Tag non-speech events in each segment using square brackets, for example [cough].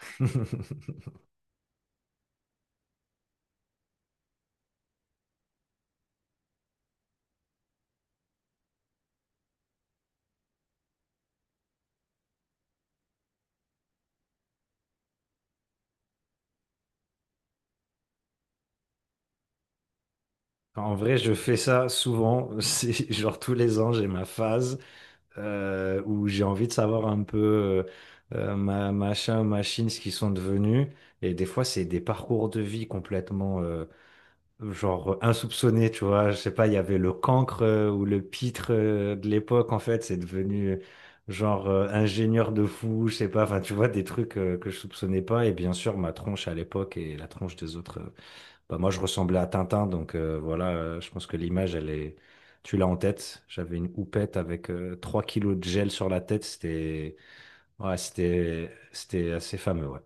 [laughs] En vrai, je fais ça souvent. [laughs] C'est genre tous les ans, j'ai ma phase où j'ai envie de savoir un peu ma machine, ce qu'ils sont devenus. Et des fois, c'est des parcours de vie complètement genre insoupçonnés, tu vois. Je sais pas, il y avait le cancre ou le pitre de l'époque, en fait, c'est devenu genre ingénieur de fou, je sais pas. Enfin, tu vois, des trucs que je soupçonnais pas. Et bien sûr, ma tronche à l'époque et la tronche des autres. Bah, moi, je ressemblais à Tintin, donc voilà, je pense que l'image, elle est. Tu l'as en tête. J'avais une houppette avec 3 kilos de gel sur la tête. C'était, ouais, c'était assez fameux, ouais.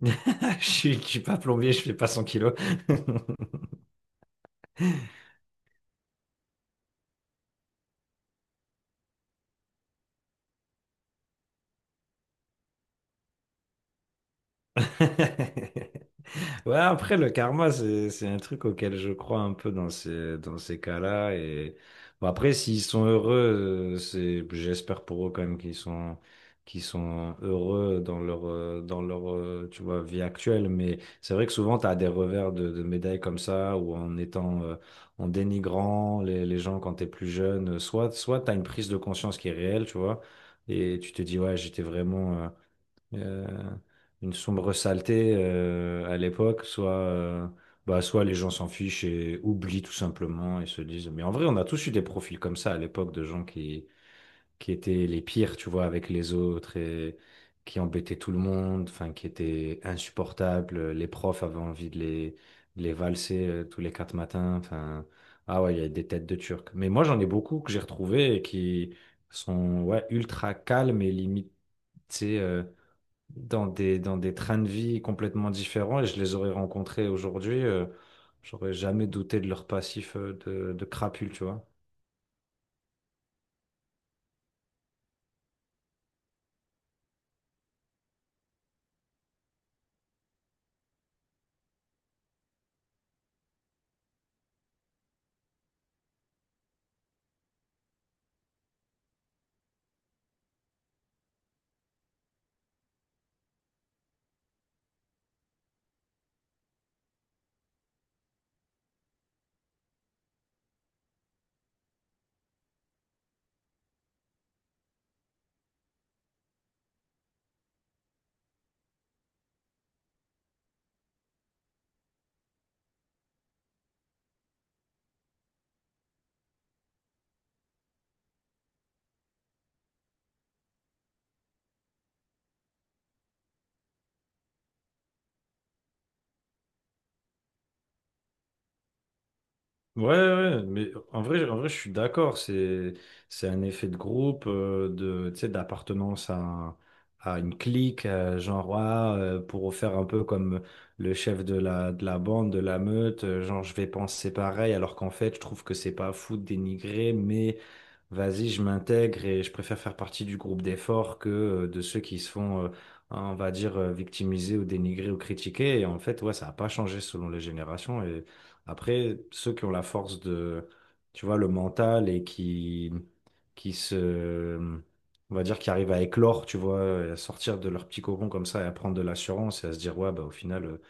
[laughs] Je suis pas plombier, je fais pas 100 kilos. [laughs] Ouais, après, le karma, c'est un truc auquel je crois un peu dans ces cas-là. Et bon, après, s'ils sont heureux, j'espère pour eux quand même qu'ils sont heureux dans leur, tu vois, vie actuelle. Mais c'est vrai que souvent, tu as des revers de médailles comme ça, où en étant, en dénigrant les gens quand t'es plus jeune. Soit t'as une prise de conscience qui est réelle, tu vois, et tu te dis, ouais, j'étais vraiment, euh, une sombre saleté à l'époque, soit, bah, soit les gens s'en fichent et oublient tout simplement et se disent, mais en vrai, on a tous eu des profils comme ça à l'époque de gens qui étaient les pires, tu vois, avec les autres et qui embêtaient tout le monde, enfin, qui étaient insupportables. Les profs avaient envie de les valser tous les quatre matins. Enfin, ah ouais, il y a des têtes de Turcs. Mais moi, j'en ai beaucoup que j'ai retrouvés et qui sont, ouais, ultra calmes et limite, tu sais, dans des trains de vie complètement différents et je les aurais rencontrés aujourd'hui, j'aurais jamais douté de leur passif de crapule, tu vois. Ouais, ouais, mais en vrai, je suis d'accord. C'est un effet de groupe, de, tu sais, d'appartenance à une clique, genre, ouais, pour faire un peu comme le chef de la bande, de la meute, genre, je vais penser pareil, alors qu'en fait, je trouve que c'est pas fou de dénigrer, mais vas-y, je m'intègre et je préfère faire partie du groupe d'efforts que de ceux qui se font, on va dire, victimiser ou dénigrer ou critiquer. Et en fait, ouais, ça n'a pas changé selon les générations. Et après, ceux qui ont la force de, tu vois, le mental et qui on va dire, qui arrivent à éclore, tu vois, et à sortir de leur petit cocon comme ça et à prendre de l'assurance et à se dire, ouais, bah, au final,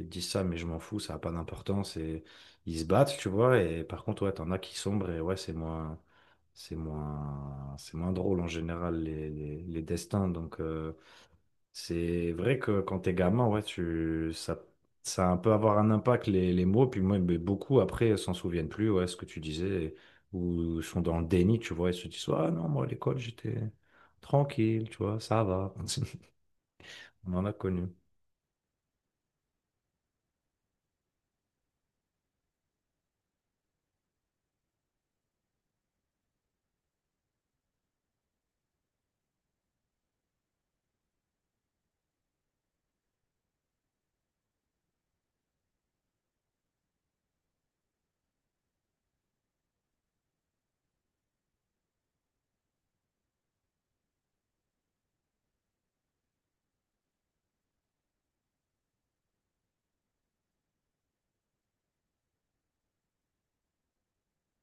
ils disent ça, mais je m'en fous, ça n'a pas d'importance. Et ils se battent, tu vois. Et par contre, ouais, t'en as qui sombrent et, ouais, C'est moins, C'est moins drôle en général, les, les destins. Donc, c'est vrai que quand t'es gamin, ouais, ça a un peu avoir un impact, les mots. Puis moi, mais beaucoup après s'en souviennent plus, ouais, ce que tu disais, ou sont dans le déni, tu vois, ils se disent, ah non, moi, à l'école, j'étais tranquille, tu vois, ça va. [laughs] On en a connu.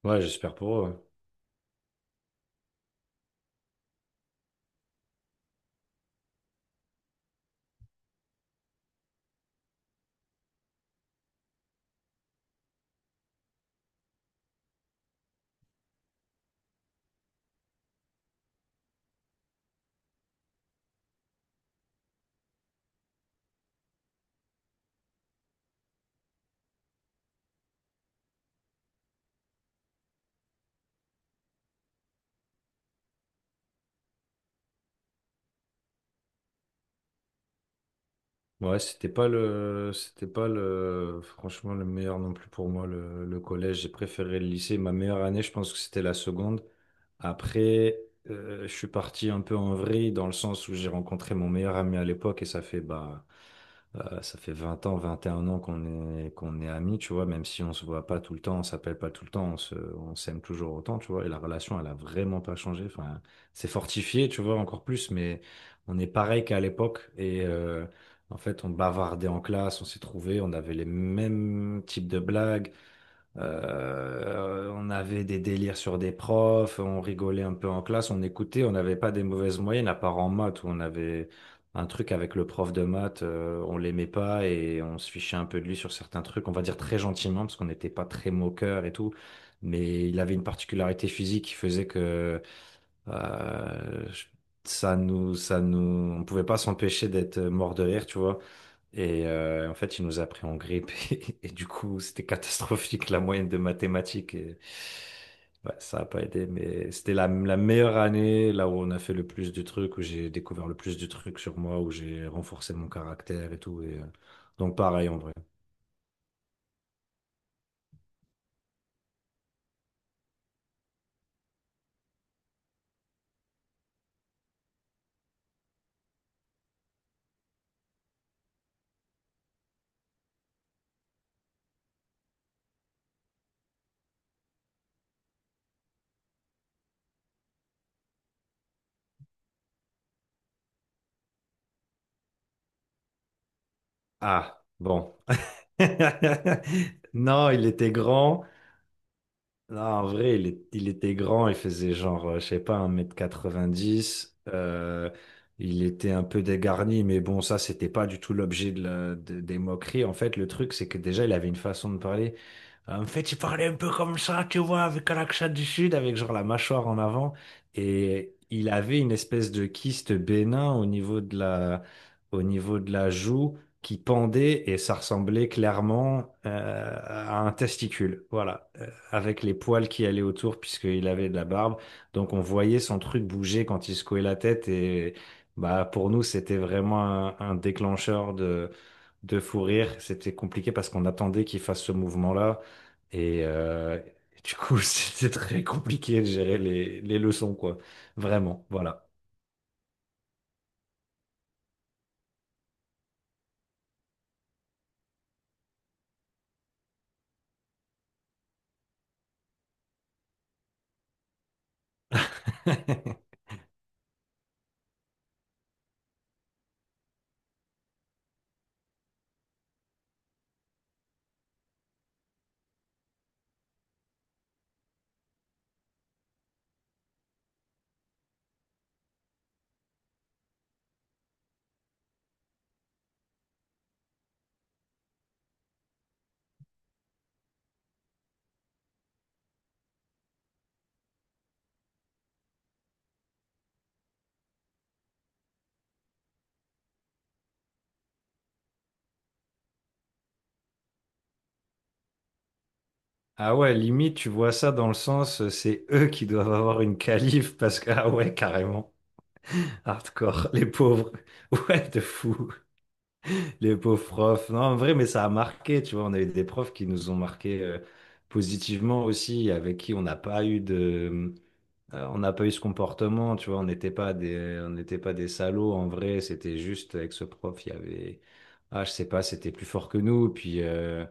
Ouais, j'espère pour eux. Ouais. Ouais, c'était pas le, franchement, le meilleur non plus pour moi, le collège. J'ai préféré le lycée. Ma meilleure année, je pense que c'était la seconde. Après, je suis parti un peu en vrille dans le sens où j'ai rencontré mon meilleur ami à l'époque et ça fait 20 ans, 21 ans qu'on est amis, tu vois, même si on se voit pas tout le temps, on s'appelle pas tout le temps, on s'aime toujours autant, tu vois, et la relation, elle a vraiment pas changé. Enfin, c'est fortifié, tu vois, encore plus, mais on est pareil qu'à l'époque et, en fait, on bavardait en classe, on s'est trouvés, on avait les mêmes types de blagues, on avait des délires sur des profs, on rigolait un peu en classe, on écoutait, on n'avait pas des mauvaises moyennes, à part en maths, où on avait un truc avec le prof de maths, on l'aimait pas et on se fichait un peu de lui sur certains trucs, on va dire très gentiment, parce qu'on n'était pas très moqueur et tout, mais il avait une particularité physique qui faisait que euh, je- ça nous, on pouvait pas s'empêcher d'être mort de rire, tu vois. Et en fait, il nous a pris en grippe [laughs] et, du coup, c'était catastrophique la moyenne de mathématiques. Et, ouais, ça n'a pas aidé, mais c'était la meilleure année, là où on a fait le plus de trucs, où j'ai découvert le plus de trucs sur moi, où j'ai renforcé mon caractère et tout. Et, donc pareil en vrai. Ah, bon. [laughs] Non, il était grand. Non, en vrai, il était grand, il faisait genre, je sais pas, 1,90 m. Il était un peu dégarni, mais bon, ça, c'était pas du tout l'objet de des moqueries. En fait, le truc, c'est que déjà, il avait une façon de parler. En fait, il parlait un peu comme ça, tu vois, avec un accent du sud, avec genre la mâchoire en avant. Et il avait une espèce de kyste bénin au niveau de la joue qui pendait et ça ressemblait clairement à un testicule. Voilà. Avec les poils qui allaient autour puisqu'il avait de la barbe. Donc on voyait son truc bouger quand il secouait la tête et bah pour nous, c'était vraiment un déclencheur de fou rire. C'était compliqué parce qu'on attendait qu'il fasse ce mouvement-là. Et du coup, [laughs] c'était très compliqué de gérer les leçons, quoi. Vraiment, voilà. [laughs] Ah ouais, limite, tu vois ça dans le sens, c'est eux qui doivent avoir une calife parce que, ah ouais, carrément, hardcore, les pauvres, [laughs] ouais, de fou, les pauvres profs. Non, en vrai, mais ça a marqué, tu vois, on a eu des profs qui nous ont marqué positivement aussi, avec qui on n'a pas eu on n'a pas eu ce comportement, tu vois, on n'était pas des salauds en vrai, c'était juste avec ce prof, il y avait, ah, je sais pas, c'était plus fort que nous, puis euh,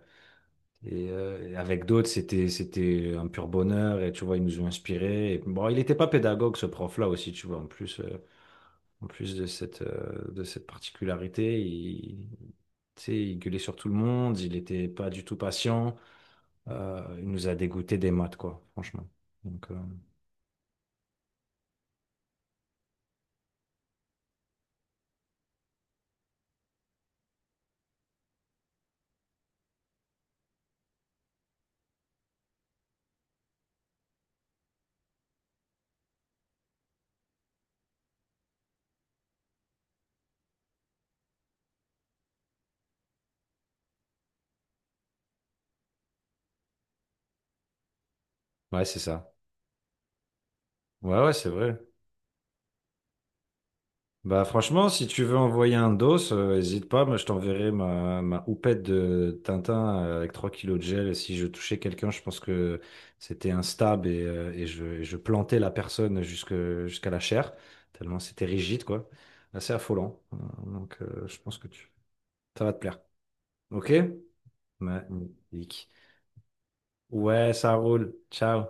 et, euh, et avec d'autres, c'était un pur bonheur, et tu vois, ils nous ont inspirés. Et bon, il n'était pas pédagogue, ce prof-là aussi, tu vois, en plus de cette particularité, il, tu sais, il gueulait sur tout le monde, il n'était pas du tout patient, il nous a dégoûté des maths, quoi, franchement. Donc, ouais, c'est ça. Ouais, ouais, c'est vrai. Bah franchement, si tu veux envoyer un dos, n'hésite pas, moi je t'enverrai ma houppette de Tintin avec 3 kilos de gel. Et si je touchais quelqu'un, je pense que c'était un stab et je plantais la personne jusqu'à la chair, tellement c'était rigide, quoi. Assez affolant. Donc je pense que tu. Ça va te plaire. Ok? Magnifique. Ouais, ça roule. Ciao.